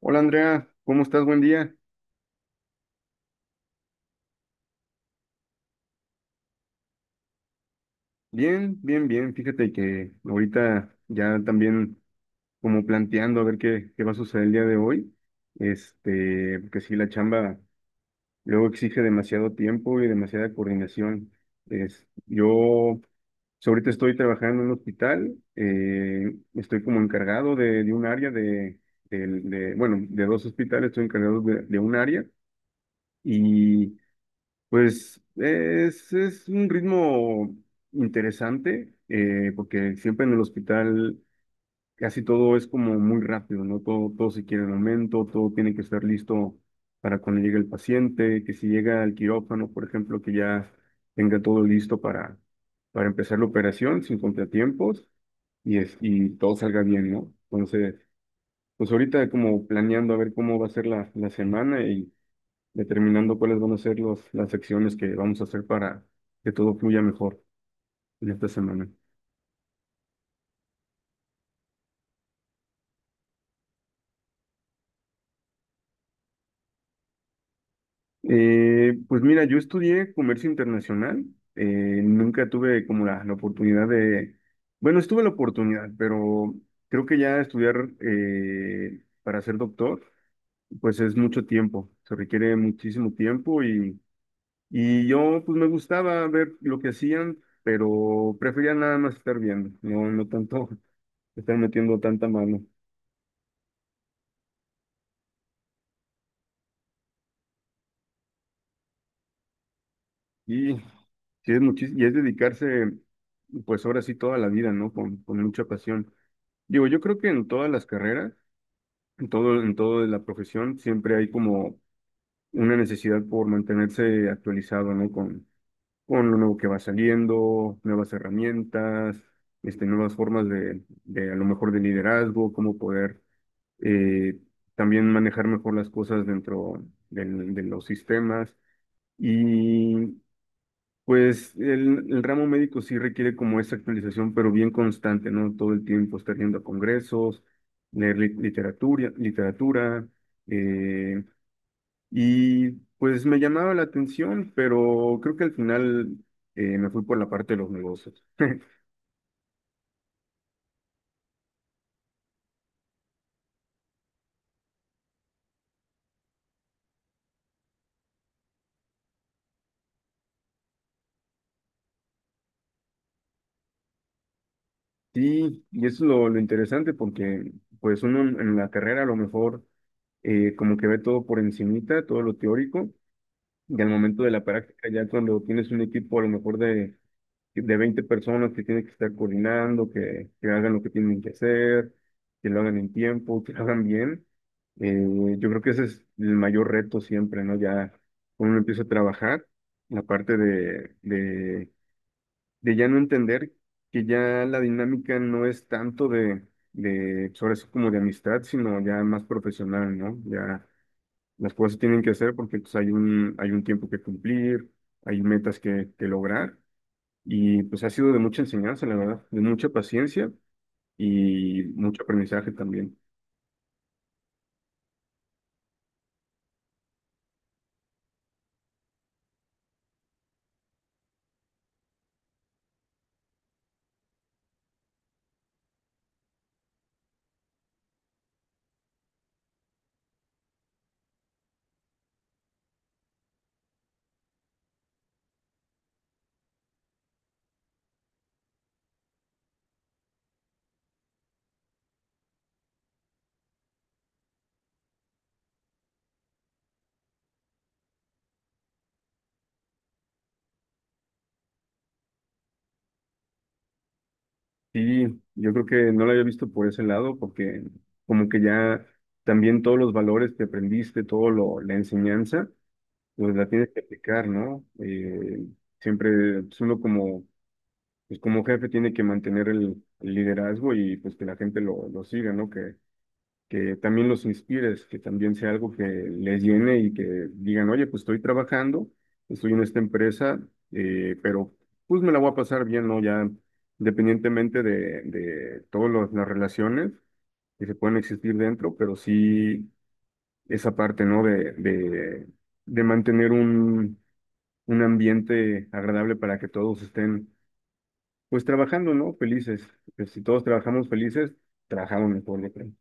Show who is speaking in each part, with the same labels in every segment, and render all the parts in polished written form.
Speaker 1: Hola Andrea, ¿cómo estás? Buen día. Bien, bien, bien. Fíjate que ahorita ya también como planteando a ver qué va a suceder el día de hoy. Este, porque sí, la chamba luego exige demasiado tiempo y demasiada coordinación. Es, yo pues, ahorita estoy trabajando en un hospital, estoy como encargado de un área de bueno, de dos hospitales, estoy encargado de un área. Y Pues es un ritmo interesante, porque siempre en el hospital casi todo es como muy rápido, ¿no? Todo, todo se quiere en el momento, todo tiene que estar listo para cuando llegue el paciente, que si llega al quirófano, por ejemplo, que ya tenga todo listo para empezar la operación sin contratiempos y, es, y todo salga bien, ¿no? Entonces, pues ahorita como planeando a ver cómo va a ser la semana y determinando cuáles van a ser las acciones que vamos a hacer para que todo fluya mejor en esta semana. Pues mira, yo estudié comercio internacional, eh, nunca tuve como la oportunidad de, bueno, estuve la oportunidad, pero creo que ya estudiar para ser doctor, pues es mucho tiempo, se requiere muchísimo tiempo y yo pues me gustaba ver lo que hacían, pero prefería nada más estar viendo, no, no tanto estar metiendo tanta mano. Y sí es muchis- y es dedicarse, pues ahora sí toda la vida, ¿no? Con mucha pasión. Digo, yo creo que en todas las carreras, en todo de la profesión, siempre hay como una necesidad por mantenerse actualizado, ¿no? Con lo nuevo que va saliendo, nuevas herramientas, este, nuevas formas de a lo mejor de liderazgo, cómo poder eh, también manejar mejor las cosas dentro de los sistemas. Y Pues el ramo médico sí requiere como esa actualización, pero bien constante, ¿no? Todo el tiempo estar yendo a congresos, leer li- literatura, literatura, eh, y pues me llamaba la atención, pero creo que al final me fui por la parte de los negocios. Sí, y eso es lo interesante porque pues uno en la carrera a lo mejor como que ve todo por encimita, todo lo teórico, y al momento de la práctica, ya cuando tienes un equipo a lo mejor de 20 personas que tienen que estar coordinando, que hagan lo que tienen que hacer, que lo hagan en tiempo, que lo hagan bien. Yo creo que ese es el mayor reto siempre, ¿no? Ya cuando uno empieza a trabajar, la parte de ya no entender que ya la dinámica no es tanto de, sobre eso como de amistad, sino ya más profesional, ¿no? Ya las cosas se tienen que hacer porque pues, hay un tiempo que cumplir, hay metas que lograr. Y pues ha sido de mucha enseñanza, la verdad, de mucha paciencia y mucho aprendizaje también. Sí, yo creo que no lo había visto por ese lado, porque como que ya también todos los valores que aprendiste, todo lo, la enseñanza, pues la tienes que aplicar, ¿no? Siempre pues, uno como, pues como jefe tiene que mantener el liderazgo y pues que la gente lo siga, ¿no? Que también los inspires, que también sea algo que les llene y que digan, oye, pues estoy trabajando, estoy en esta empresa, pero pues me la voy a pasar bien, ¿no? Ya independientemente de todas las relaciones que se pueden existir dentro, pero sí esa parte, ¿no? De mantener un ambiente agradable para que todos estén, pues trabajando, ¿no? Felices. Pues si todos trabajamos felices, trabajamos mejor, yo creo.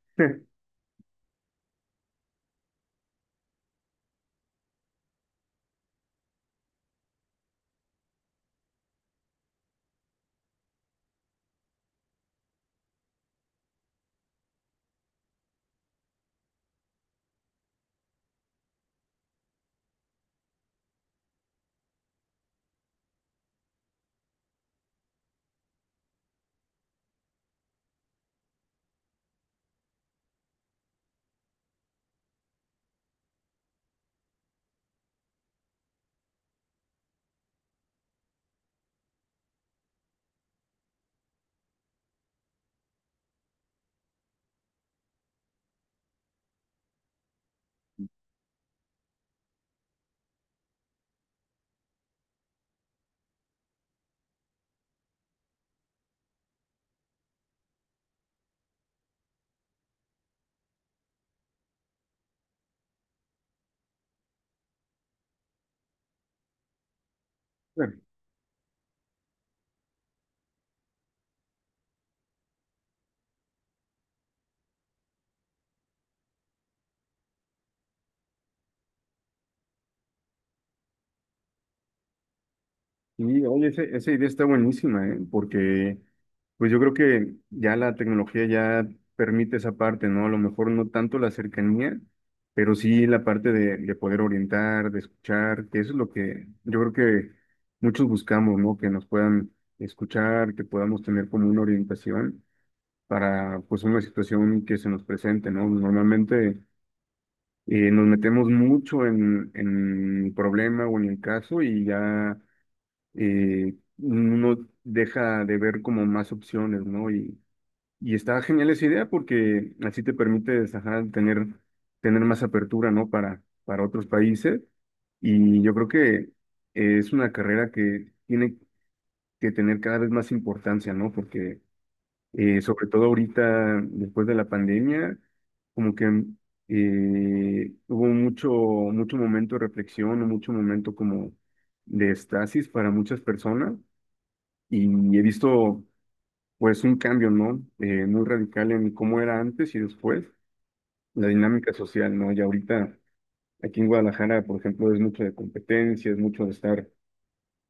Speaker 1: Bueno, y oye, esa idea está buenísima, ¿eh? Porque pues yo creo que ya la tecnología ya permite esa parte, ¿no? A lo mejor no tanto la cercanía, pero sí la parte de poder orientar, de escuchar, que eso es lo que yo creo que muchos buscamos, ¿no? Que nos puedan escuchar, que podamos tener como una orientación para pues una situación que se nos presente, ¿no? Normalmente nos metemos mucho en el problema o en el caso y ya uno deja de ver como más opciones, ¿no? Y está genial esa idea porque así te permite tener, tener más apertura, ¿no? Para otros países. Y yo creo que es una carrera que tiene que tener cada vez más importancia, ¿no? Porque sobre todo ahorita, después de la pandemia, como que hubo mucho, mucho momento de reflexión, mucho momento como de estasis para muchas personas y he visto pues un cambio, ¿no? Muy radical en cómo era antes y después, la dinámica social, ¿no? Y ahorita aquí en Guadalajara, por ejemplo, es mucho de competencia, es mucho de estar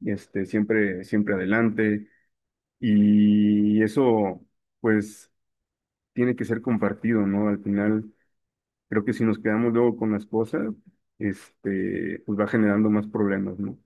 Speaker 1: este, siempre, siempre adelante y eso pues tiene que ser compartido, ¿no? Al final, creo que si nos quedamos luego con las cosas, este, pues va generando más problemas, ¿no?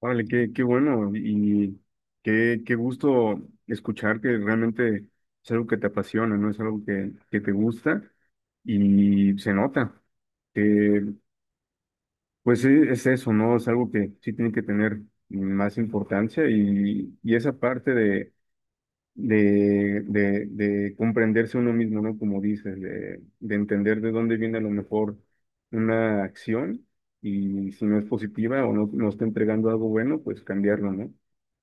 Speaker 1: Órale, qué, qué bueno y qué, qué gusto escuchar que realmente es algo que te apasiona, ¿no? Es algo que te gusta y se nota que, pues e- es eso, ¿no? Es algo que sí tiene que tener más importancia y esa parte de comprenderse uno mismo, ¿no? Como dices, de entender de dónde viene a lo mejor una acción y si no es positiva o no, no está entregando algo bueno, pues cambiarlo, ¿no?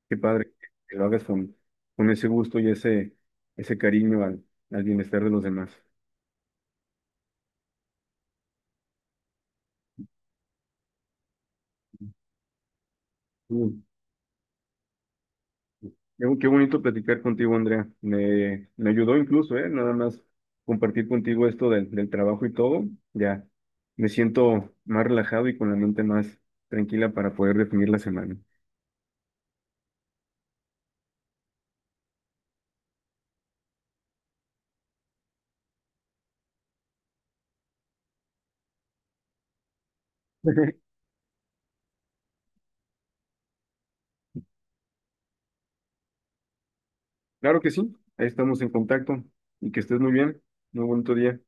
Speaker 1: Qué padre que lo hagas con ese gusto y ese cariño al, al bienestar de los demás. Sí, qué, qué bonito platicar contigo, Andrea. Me ayudó incluso, ¿eh? Nada más compartir contigo esto del, del trabajo y todo. Ya me siento más relajado y con la mente más tranquila para poder definir la semana. Claro que sí, ahí estamos en contacto y que estés muy bien. Muy bonito día.